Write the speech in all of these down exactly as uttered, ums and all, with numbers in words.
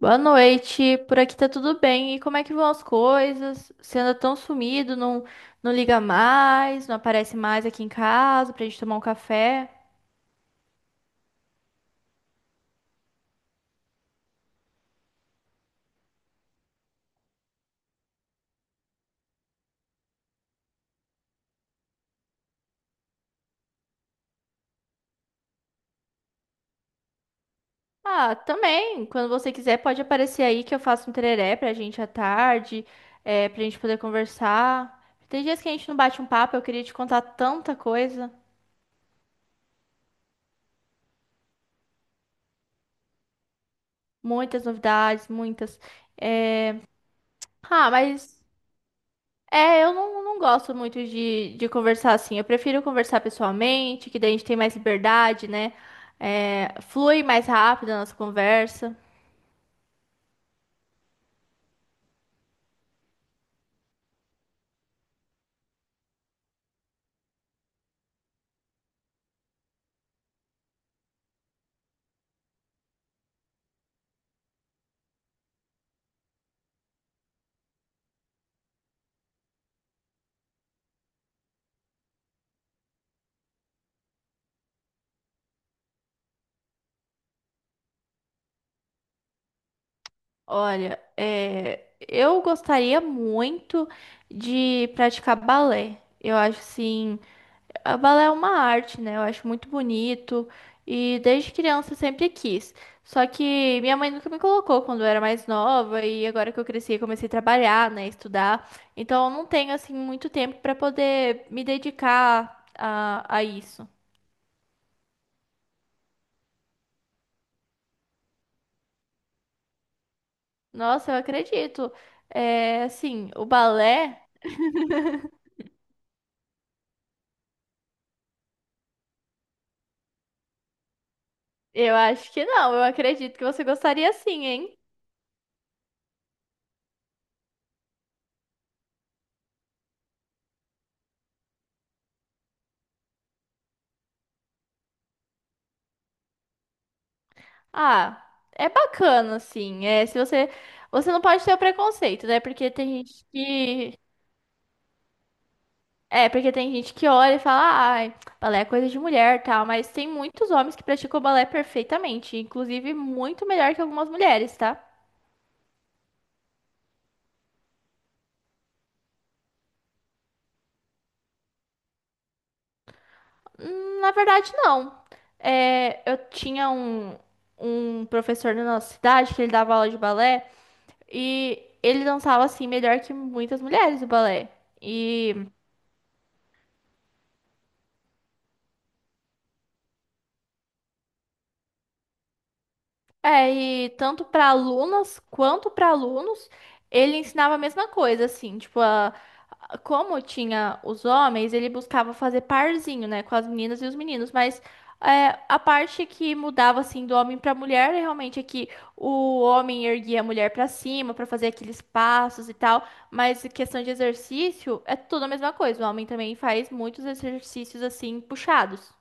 Boa noite, por aqui tá tudo bem. E como é que vão as coisas? Você anda tão sumido, não, não liga mais, não aparece mais aqui em casa pra gente tomar um café. Ah, também, quando você quiser pode aparecer aí que eu faço um tereré pra gente à tarde, é, pra gente poder conversar. Tem dias que a gente não bate um papo, eu queria te contar tanta coisa, muitas novidades, muitas. É, ah, mas É, eu não, não gosto muito de, de conversar assim. Eu prefiro conversar pessoalmente, que daí a gente tem mais liberdade, né? É, flui mais rápido a nossa conversa. Olha, é, eu gostaria muito de praticar balé. Eu acho assim. A balé é uma arte, né? Eu acho muito bonito e desde criança eu sempre quis. Só que minha mãe nunca me colocou quando eu era mais nova e agora que eu cresci, eu comecei a trabalhar, né, estudar. Então eu não tenho assim muito tempo para poder me dedicar a, a isso. Nossa, eu acredito. É, assim, o balé, eu acho que não. Eu acredito que você gostaria sim, hein? Ah, é bacana assim. É, se você você não pode ter o preconceito, né? Porque tem gente que é, porque tem gente que olha e fala, ai, balé é coisa de mulher, tal, mas tem muitos homens que praticam balé perfeitamente, inclusive muito melhor que algumas mulheres, tá? Hum, na verdade, não. É, eu tinha um, um professor na nossa cidade que ele dava aula de balé e ele dançava assim melhor que muitas mulheres o balé. E é, e tanto para alunas quanto para alunos, ele ensinava a mesma coisa, assim, tipo, a- a- como tinha os homens, ele buscava fazer parzinho, né, com as meninas e os meninos, mas é, a parte que mudava, assim, do homem para mulher, realmente é que o homem erguia a mulher para cima para fazer aqueles passos e tal, mas em questão de exercício, é tudo a mesma coisa, o homem também faz muitos exercícios, assim, puxados.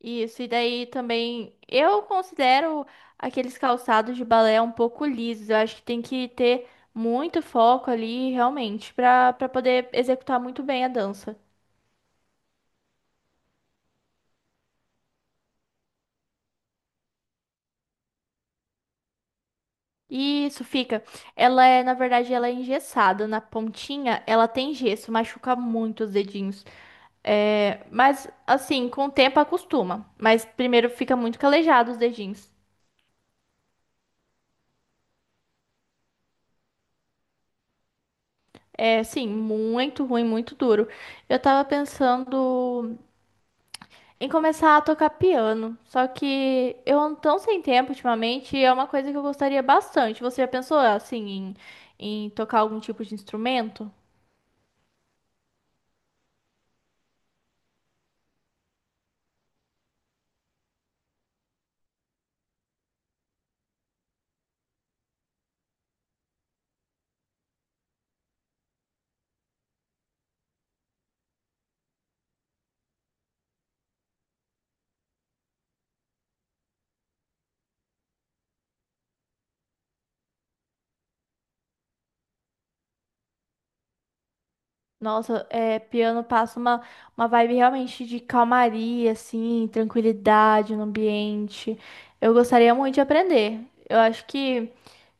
Isso, e daí também eu considero aqueles calçados de balé um pouco lisos. Eu acho que tem que ter muito foco ali, realmente, para para poder executar muito bem a dança. Isso fica. Ela é, na verdade, ela é engessada. Na pontinha, ela tem gesso, machuca muito os dedinhos. É, mas, assim, com o tempo acostuma. Mas primeiro fica muito calejado os dedinhos. É, sim, muito ruim, muito duro. Eu tava pensando em começar a tocar piano. Só que eu ando tão sem tempo ultimamente, e é uma coisa que eu gostaria bastante. Você já pensou assim em, em tocar algum tipo de instrumento? Nossa, é, piano passa uma, uma vibe realmente de calmaria, assim, tranquilidade no ambiente. Eu gostaria muito de aprender. Eu acho que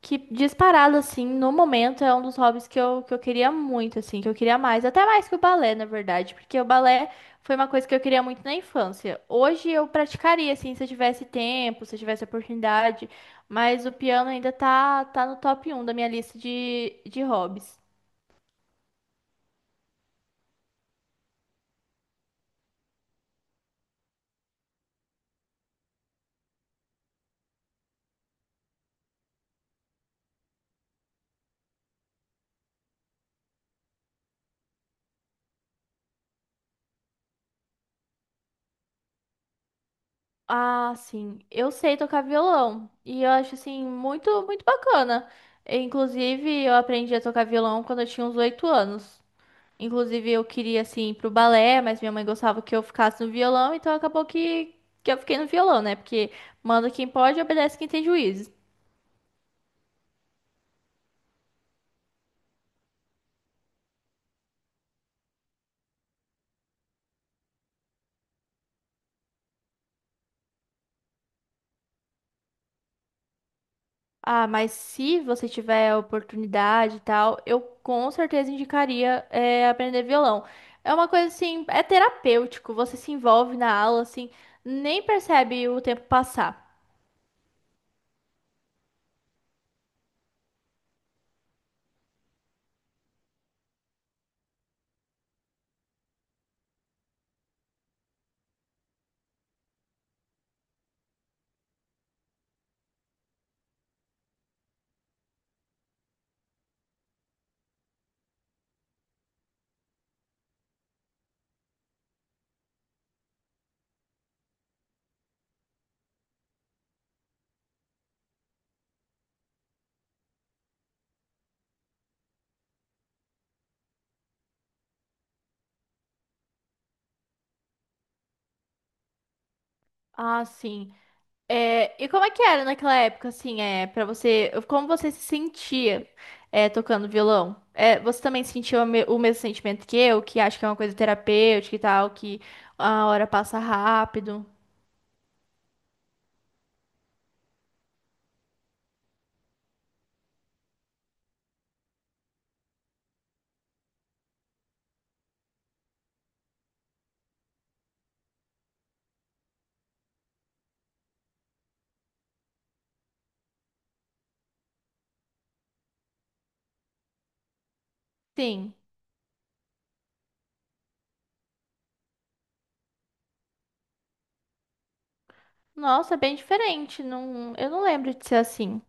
Que disparado, assim, no momento é um dos hobbies que eu, que eu queria muito, assim, que eu queria mais, até mais que o balé, na verdade, porque o balé foi uma coisa que eu queria muito na infância. Hoje eu praticaria, assim, se eu tivesse tempo, se eu tivesse oportunidade, mas o piano ainda tá, tá no top um da minha lista de, de hobbies. Ah, sim, eu sei tocar violão e eu acho, assim, muito, muito bacana. Inclusive, eu aprendi a tocar violão quando eu tinha uns oito anos. Inclusive, eu queria, assim, ir pro balé, mas minha mãe gostava que eu ficasse no violão, então acabou que, que eu fiquei no violão, né? Porque manda quem pode, obedece quem tem juízo. Ah, mas se você tiver a oportunidade e tal, eu com certeza indicaria é, aprender violão. É uma coisa assim, é terapêutico, você se envolve na aula, assim, nem percebe o tempo passar. Ah, sim. É, e como é que era naquela época, assim, é, para você, como você se sentia, é, tocando violão? É, você também sentiu o me- o mesmo sentimento que eu, que acho que é uma coisa terapêutica e tal, que a hora passa rápido? Sim. Nossa, é bem diferente. Não, eu não lembro de ser assim. É,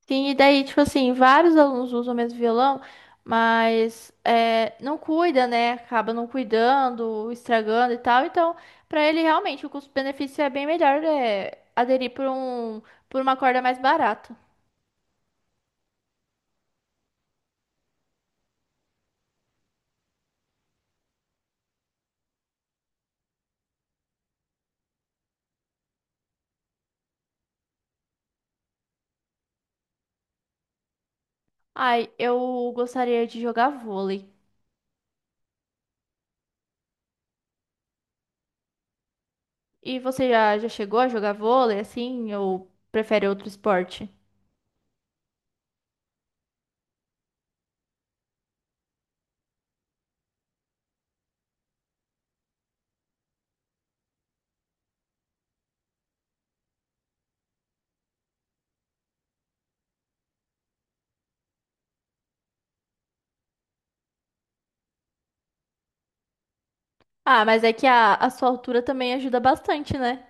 sim, e daí, tipo assim, vários alunos usam o mesmo violão, mas é, não cuida, né? Acaba não cuidando, estragando e tal. Então, pra ele, realmente, o custo-benefício é bem melhor é, aderir por um, por uma corda mais barata. Ai, eu gostaria de jogar vôlei. E você já, já chegou a jogar vôlei, assim, ou prefere outro esporte? Ah, mas é que a, a sua altura também ajuda bastante, né?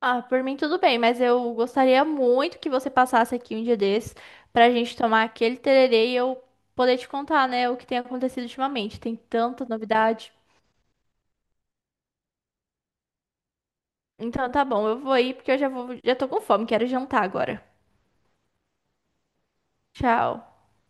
Ah, por mim tudo bem, mas eu gostaria muito que você passasse aqui um dia desses pra gente tomar aquele tererê e eu poder te contar, né, o que tem acontecido ultimamente. Tem tanta novidade. Então tá bom, eu vou ir porque eu já vou, já tô com fome, quero jantar agora. Tchau.